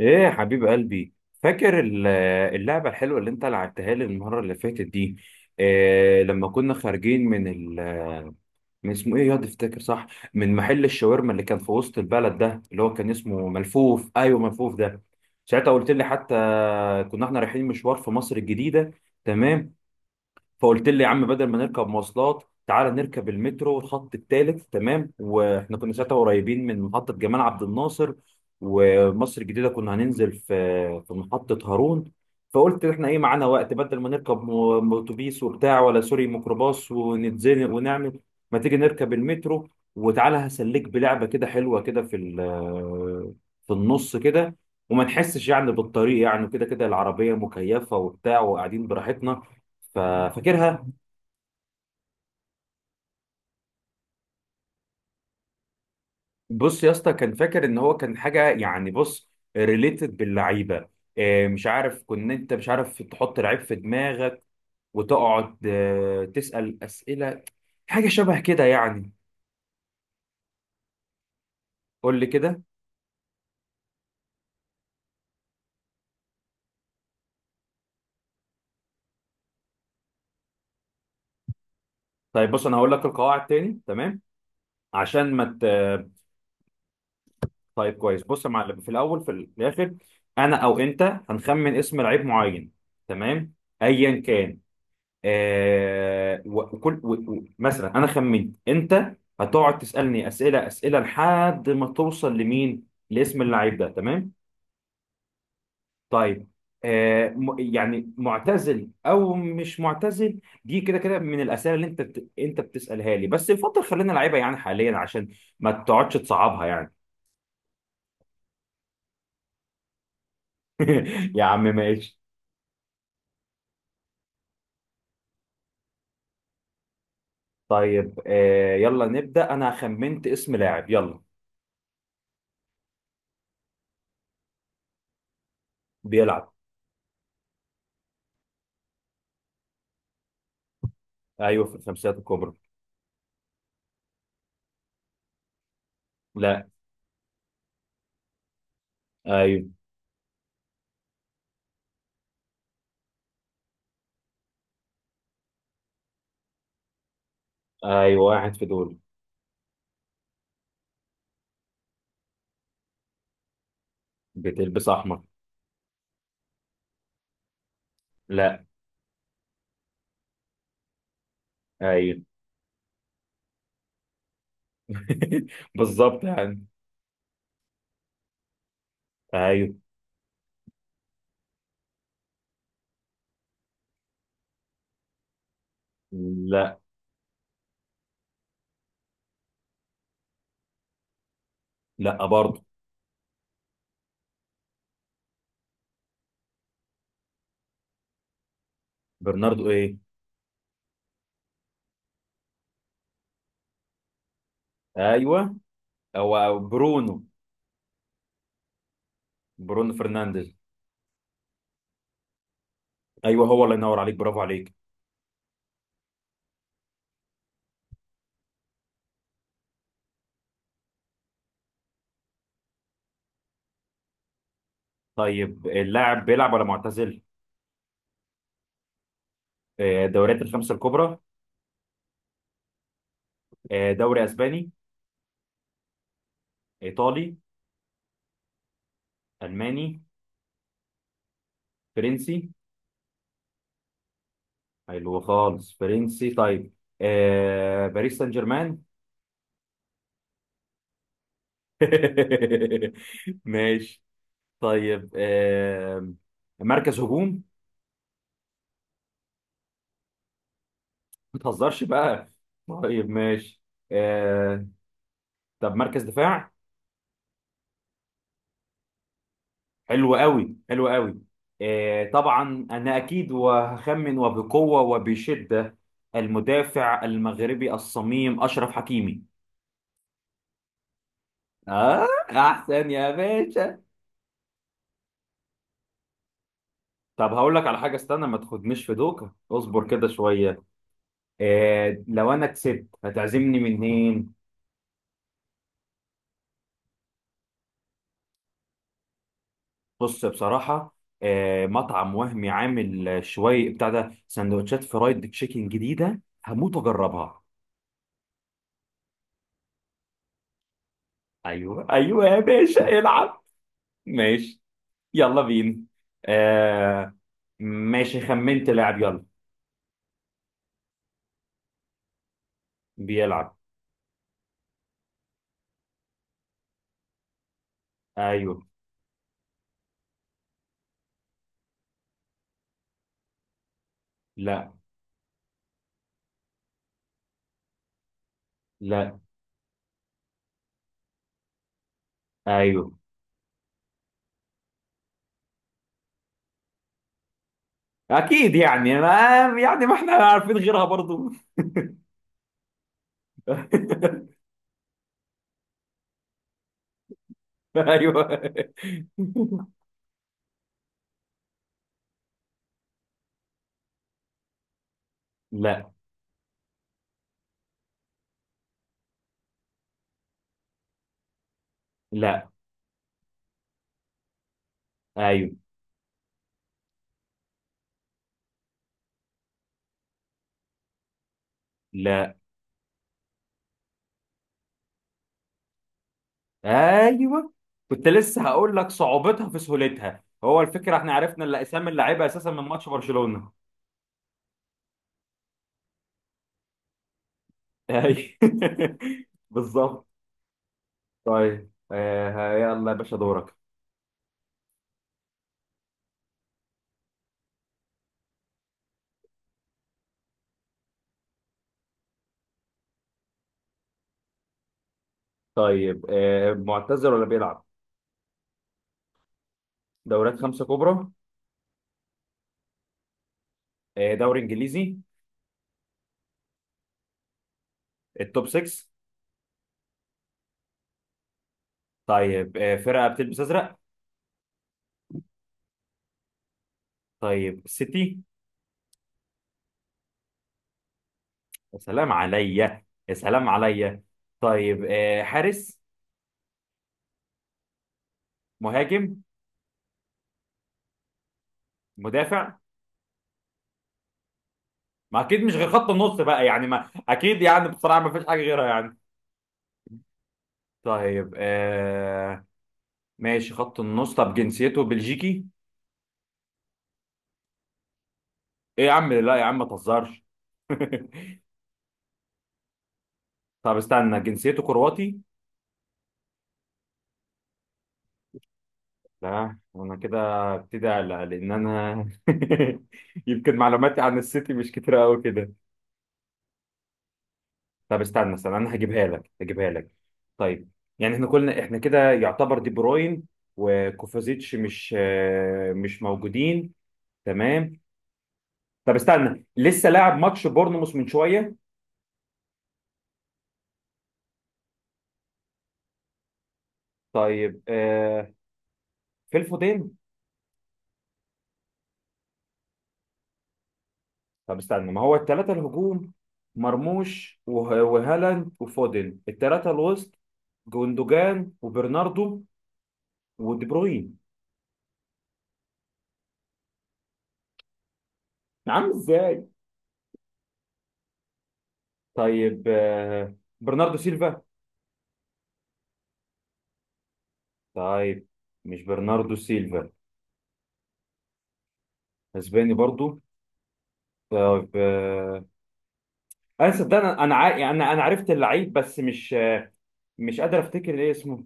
ايه يا حبيب قلبي، فاكر اللعبة الحلوة اللي انت لعبتها لي المرة اللي فاتت دي؟ إيه لما كنا خارجين من من اسمه ايه يا تفتكر؟ صح، من محل الشاورما اللي كان في وسط البلد ده اللي هو كان اسمه ملفوف. ايوه، ملفوف ده. ساعتها قلت لي حتى كنا احنا رايحين مشوار في مصر الجديدة. تمام. فقلت لي يا عم، بدل ما نركب مواصلات تعالى نركب المترو الخط الثالث، تمام، واحنا كنا ساعتها قريبين من محطة جمال عبد الناصر. ومصر الجديدة كنا هننزل في محطة هارون. فقلت احنا ايه معانا وقت، بدل ما نركب اتوبيس وبتاع، ولا سوري ميكروباص، ونتزنق ونعمل، ما تيجي نركب المترو وتعالى هسليك بلعبة كده حلوة كده في في النص كده، وما نحسش يعني بالطريق، يعني كده كده العربية مكيفة وبتاع وقاعدين براحتنا. ففاكرها؟ بص يا اسطى، كان فاكر ان هو كان حاجه يعني، بص، ريليتد باللعيبه. مش عارف، كنت انت مش عارف تحط لعيب في دماغك وتقعد تسال اسئله، حاجه شبه كده يعني. قول لي كده. طيب بص، انا هقول لك القواعد تاني، تمام، عشان ما طيب كويس، بص يا معلم، في الاول في الاخر انا او انت هنخمن اسم لعيب معين، تمام، ايا كان. آه، وكل مثلا انا خمنت، انت هتقعد تسالني اسئله اسئله لحد ما توصل لمين، لاسم اللعيب ده، تمام. طيب آه، يعني معتزل او مش معتزل دي كده كده من الاسئله اللي انت انت بتسالها لي، بس يفضل خلينا لعيبه يعني حاليا، عشان ما تقعدش تصعبها يعني. يا عم ماشي. طيب آه، يلا نبدا، انا خمنت اسم لاعب، يلا. بيلعب. ايوه في الخمسيات الكبرى. لا. ايوه، ايوه واحد في دول. بتلبس احمر. لا. ايوه. بالظبط يعني. ايوه. لا. لا برضه. برناردو ايه؟ ايوه. هو برونو. برونو فرنانديز. ايوه هو، الله ينور عليك، برافو عليك. طيب، اللاعب بيلعب ولا معتزل؟ دوريات الخمسه الكبرى. دوري اسباني. ايطالي. الماني. فرنسي. حلو خالص، فرنسي. طيب باريس سان جيرمان. ماشي. طيب آه، مركز هجوم. ما تهزرش بقى. طيب ماشي. آه، طب مركز دفاع. حلو قوي حلو قوي. آه طبعا انا اكيد، وهخمن وبقوه وبشده، المدافع المغربي الصميم اشرف حكيمي. اه احسن يا باشا. طب هقول لك على حاجه، استنى ما تاخدنيش في دوكه، اصبر كده شويه. آه، لو انا كسبت هتعزمني منين؟ بص بصراحة، مطعم وهمي عامل شوية بتاع ده، سندوتشات فرايد تشيكن جديدة، هموت واجربها. ايوه ايوه يا باشا العب. ماشي يلا بينا. آه، ماشي خمنت لاعب، يلا. بيلعب. ايوه. لا. لا. ايوه. اكيد يعني ما، يعني ما احنا عارفين غيرها برضو. ايوه. لا. لا. ايوه. لا. ايوه. كنت لسه هقول لك، صعوبتها في سهولتها هو الفكره، احنا عرفنا اللي اسامي اللعيبه اساسا من ماتش برشلونه. ايوه. بالظبط. طيب آه، يلا يا باشا دورك. طيب آه، معتزل ولا بيلعب؟ دوريات خمسه كبرى. آه دوري انجليزي. التوب 6. طيب آه، فرقه بتلبس ازرق. طيب سيتي. يا سلام عليا يا سلام عليا. طيب آه، حارس. مهاجم. مدافع. ما اكيد مش غير خط النص بقى يعني، ما اكيد يعني بصراحه ما فيش حاجه غيرها يعني. طيب آه، ماشي، خط النص. طب جنسيته بلجيكي؟ ايه يا عم، لا يا عم ما تهزرش. طب استنى، جنسيته كرواتي؟ لا انا كده ابتدي على، لان انا. يمكن معلوماتي عن السيتي مش كتيره قوي كده. طب استنى استنى، انا هجيبها لك هجيبها لك. طيب، يعني احنا كلنا احنا كده يعتبر دي بروين وكوفازيتش مش مش موجودين. تمام. طب استنى، لسه لاعب ماتش بورنموث من شويه. طيب آه، في الفودين. طب استنى، ما هو الثلاثه الهجوم مرموش وهالاند وفودن، الثلاثه الوسط جوندوجان وبرناردو ودي بروين. عامل ازاي. طيب آه، برناردو سيلفا. طيب مش برناردو سيلفا. اسباني برضو. طيب آه، انا صدقني، يعني انا عرفت اللعيب، بس مش مش قادر افتكر ايه اسمه.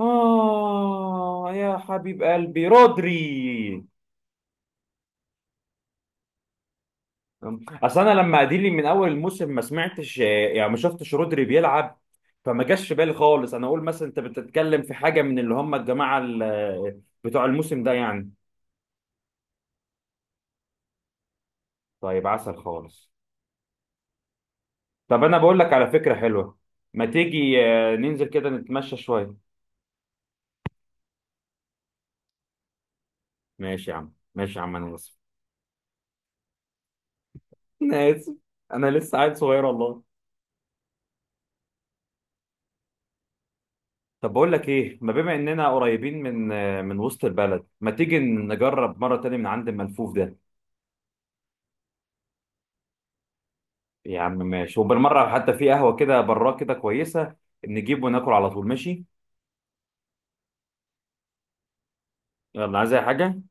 آه يا حبيب قلبي، رودري. أصل أنا لما أديلي من أول الموسم ما سمعتش، يعني ما شفتش رودري بيلعب، فما جاش في بالي خالص. أنا أقول مثلا أنت بتتكلم في حاجة من اللي هم الجماعة بتوع الموسم ده يعني. طيب، عسل خالص. طب أنا بقول لك على فكرة حلوة. ما تيجي ننزل كده نتمشى شوية. ماشي يا عم، ماشي يا عم، أنا آسف، أنا آسف. أنا لسه عيل صغير والله. طب بقول لك ايه، ما بما اننا قريبين من وسط البلد، ما تيجي نجرب مره تانية من عند الملفوف ده. يا عم ماشي، وبالمره حتى في قهوه كده براه كده كويسه، نجيب وناكل على طول، ماشي. يلا، عايز اي حاجه؟